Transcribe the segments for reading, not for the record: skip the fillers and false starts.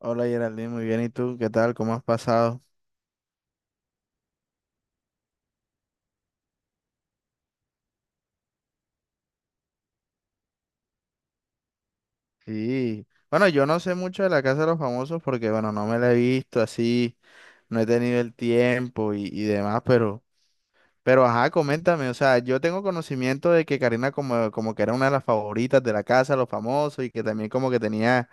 Hola Geraldine, muy bien. ¿Y tú? ¿Qué tal? ¿Cómo has pasado? Sí. Bueno, yo no sé mucho de la Casa de los Famosos porque, bueno, no me la he visto así, no he tenido el tiempo y demás, pero, ajá, coméntame. O sea, yo tengo conocimiento de que Karina como que era una de las favoritas de la Casa de los Famosos y que también como que tenía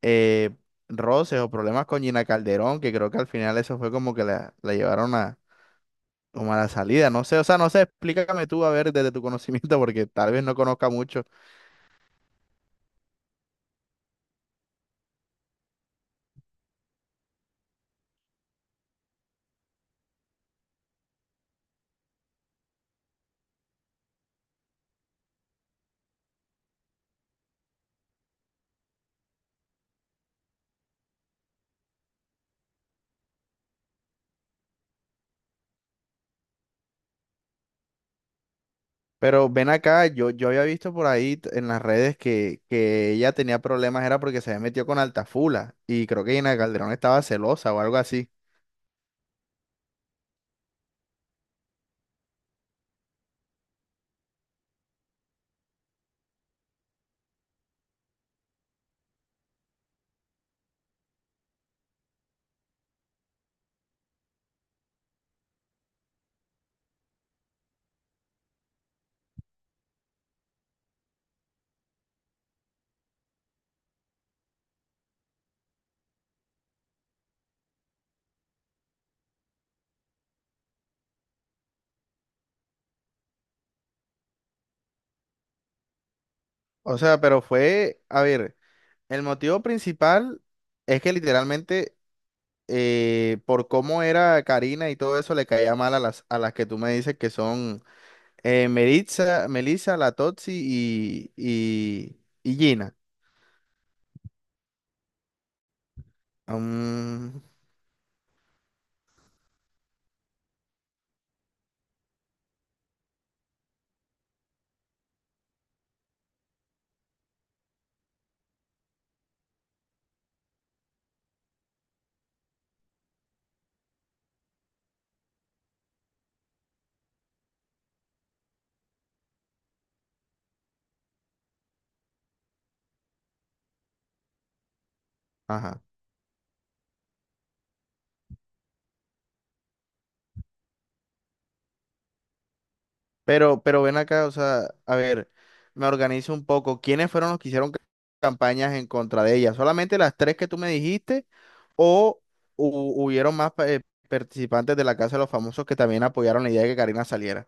eh, roces o problemas con Gina Calderón, que creo que al final eso fue como que la llevaron a, como a la salida. No sé, o sea, no sé, explícame tú, a ver, desde tu conocimiento porque tal vez no conozca mucho. Pero ven acá, yo había visto por ahí en las redes que ella tenía problemas, era porque se había metido con Altafula y creo que Gina Calderón estaba celosa o algo así. O sea, pero fue, a ver, el motivo principal es que literalmente por cómo era Karina y todo eso le caía mal a las que tú me dices que son Meritza, Melissa, La Totsi y Gina. Mm, ajá. Pero ven acá, o sea, a ver, me organizo un poco. ¿Quiénes fueron los que hicieron campañas en contra de ella? ¿Solamente las tres que tú me dijiste o hubieron más participantes de la Casa de los Famosos que también apoyaron la idea de que Karina saliera?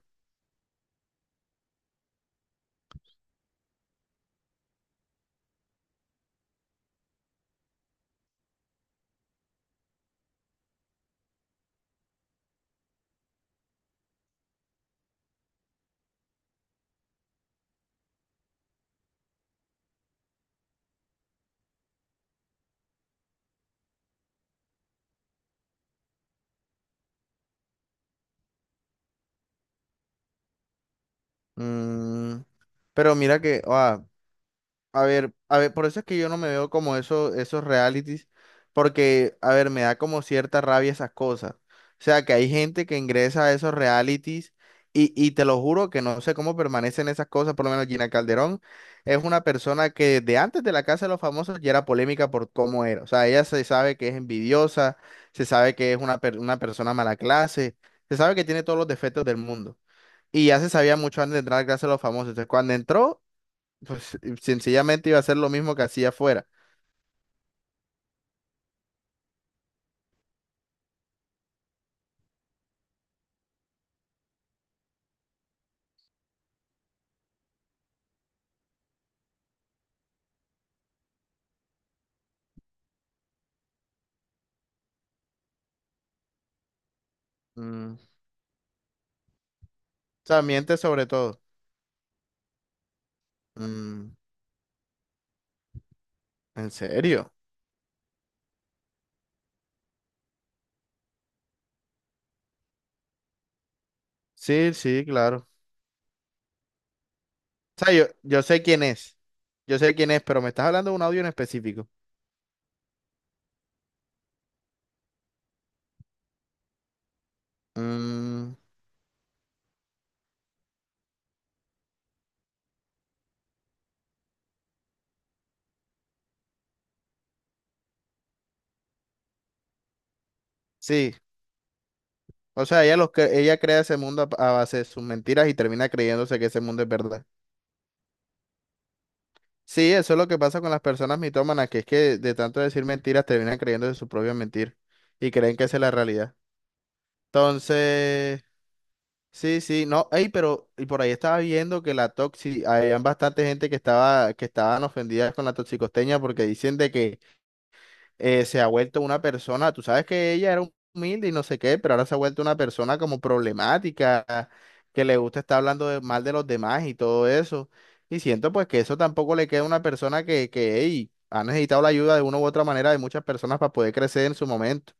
Mm, pero mira que, ah, a ver, a ver, por eso es que yo no me veo como eso, esos realities, porque, a ver, me da como cierta rabia esas cosas. O sea, que hay gente que ingresa a esos realities y te lo juro que no sé cómo permanecen esas cosas, por lo menos Gina Calderón es una persona que desde antes de la Casa de los Famosos ya era polémica por cómo era. O sea, ella se sabe que es envidiosa, se sabe que es una, una persona mala clase, se sabe que tiene todos los defectos del mundo. Y ya se sabía mucho antes de entrar a la Casa de los Famosos. Entonces, cuando entró... Pues sencillamente iba a hacer lo mismo que hacía afuera. Mm. O sea, miente sobre todo. Mm. ¿En serio? Sí, sí, claro. O sea, yo sé quién es. Yo sé quién es, pero me estás hablando de un audio en específico. Mm, sí. O sea, ella, ella crea ese mundo a base de sus mentiras y termina creyéndose que ese mundo es verdad. Sí, eso es lo que pasa con las personas mitómanas, que es que de tanto decir mentiras terminan creyéndose sus propias mentiras y creen que esa es la realidad. Entonces... Sí, sí, no, ey, pero y por ahí estaba viendo que la toxi, había bastante gente que estaba, que estaban ofendidas con la toxicosteña porque dicen de que se ha vuelto una persona, tú sabes que ella era humilde y no sé qué, pero ahora se ha vuelto una persona como problemática, que le gusta estar mal de los demás y todo eso. Y siento pues que eso tampoco le queda a una persona que, ey, ha necesitado la ayuda de una u otra manera de muchas personas para poder crecer en su momento.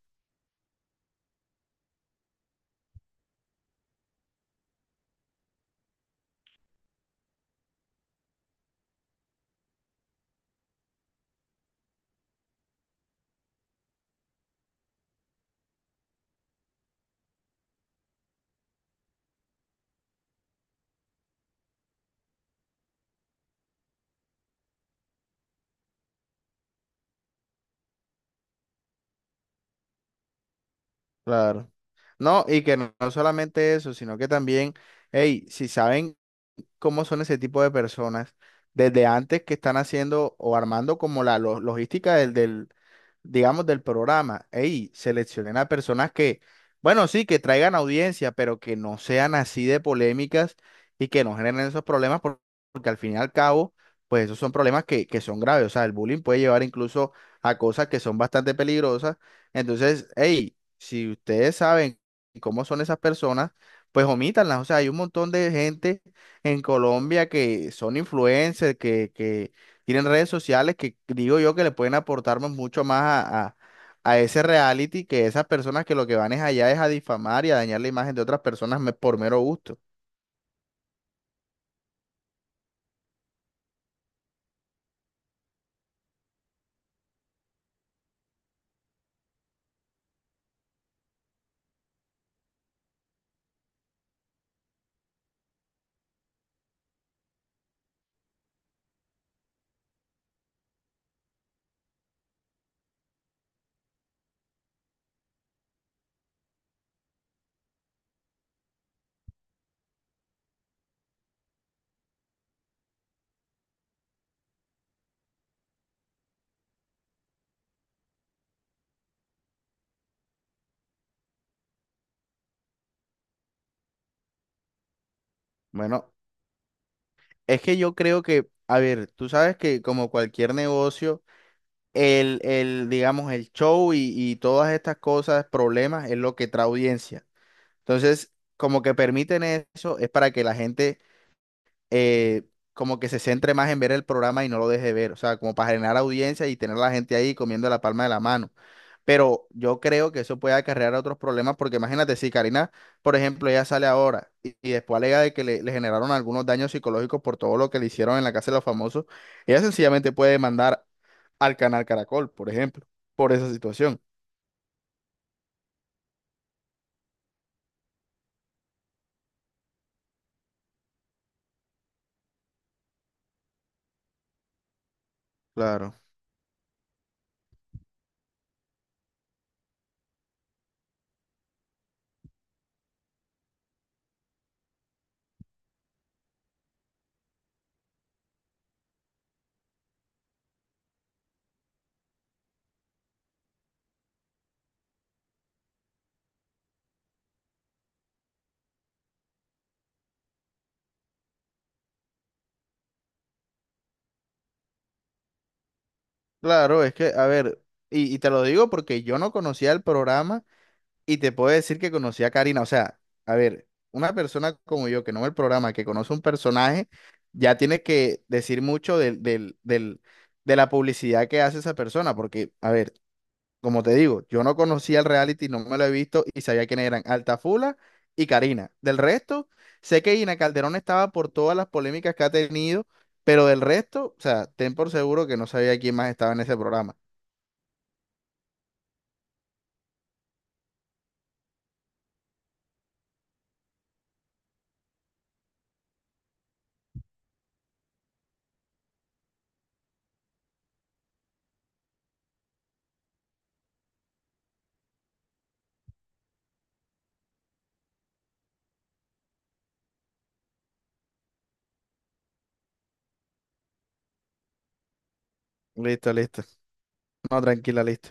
Claro. No, y que no, no solamente eso, sino que también, hey, si saben cómo son ese tipo de personas desde antes que están haciendo o armando como la logística del, digamos, del programa. Ey, seleccionen a personas que, bueno, sí, que traigan audiencia, pero que no sean así de polémicas y que no generen esos problemas porque al fin y al cabo, pues esos son problemas que son graves. O sea, el bullying puede llevar incluso a cosas que son bastante peligrosas. Entonces, hey, si ustedes saben cómo son esas personas, pues omítanlas. O sea, hay un montón de gente en Colombia que son influencers, que tienen redes sociales, que digo yo que le pueden aportar mucho más a, a ese reality que esas personas que lo que van es allá es a difamar y a dañar la imagen de otras personas por mero gusto. Bueno, es que yo creo que, a ver, tú sabes que como cualquier negocio, el, digamos, el show y todas estas cosas, problemas, es lo que trae audiencia. Entonces, como que permiten eso, es para que la gente eh, como que se centre más en ver el programa y no lo deje ver, o sea, como para generar audiencia y tener a la gente ahí comiendo la palma de la mano. Pero yo creo que eso puede acarrear otros problemas, porque imagínate, si Karina, por ejemplo, ella sale ahora y después alega de que le generaron algunos daños psicológicos por todo lo que le hicieron en la Casa de los Famosos, ella sencillamente puede demandar al canal Caracol, por ejemplo, por esa situación. Claro, claro, es que, a ver, y te lo digo porque yo no conocía el programa. Y te puedo decir que conocí a Karina. O sea, a ver, una persona como yo que no ve el programa, que conoce un personaje, ya tiene que decir mucho de la publicidad que hace esa persona. Porque, a ver, como te digo, yo no conocía el reality, no me lo he visto y sabía quiénes eran Altafula y Karina. Del resto, sé que Ina Calderón estaba por todas las polémicas que ha tenido, pero del resto, o sea, ten por seguro que no sabía quién más estaba en ese programa. Listo, listo. No, tranquila, listo.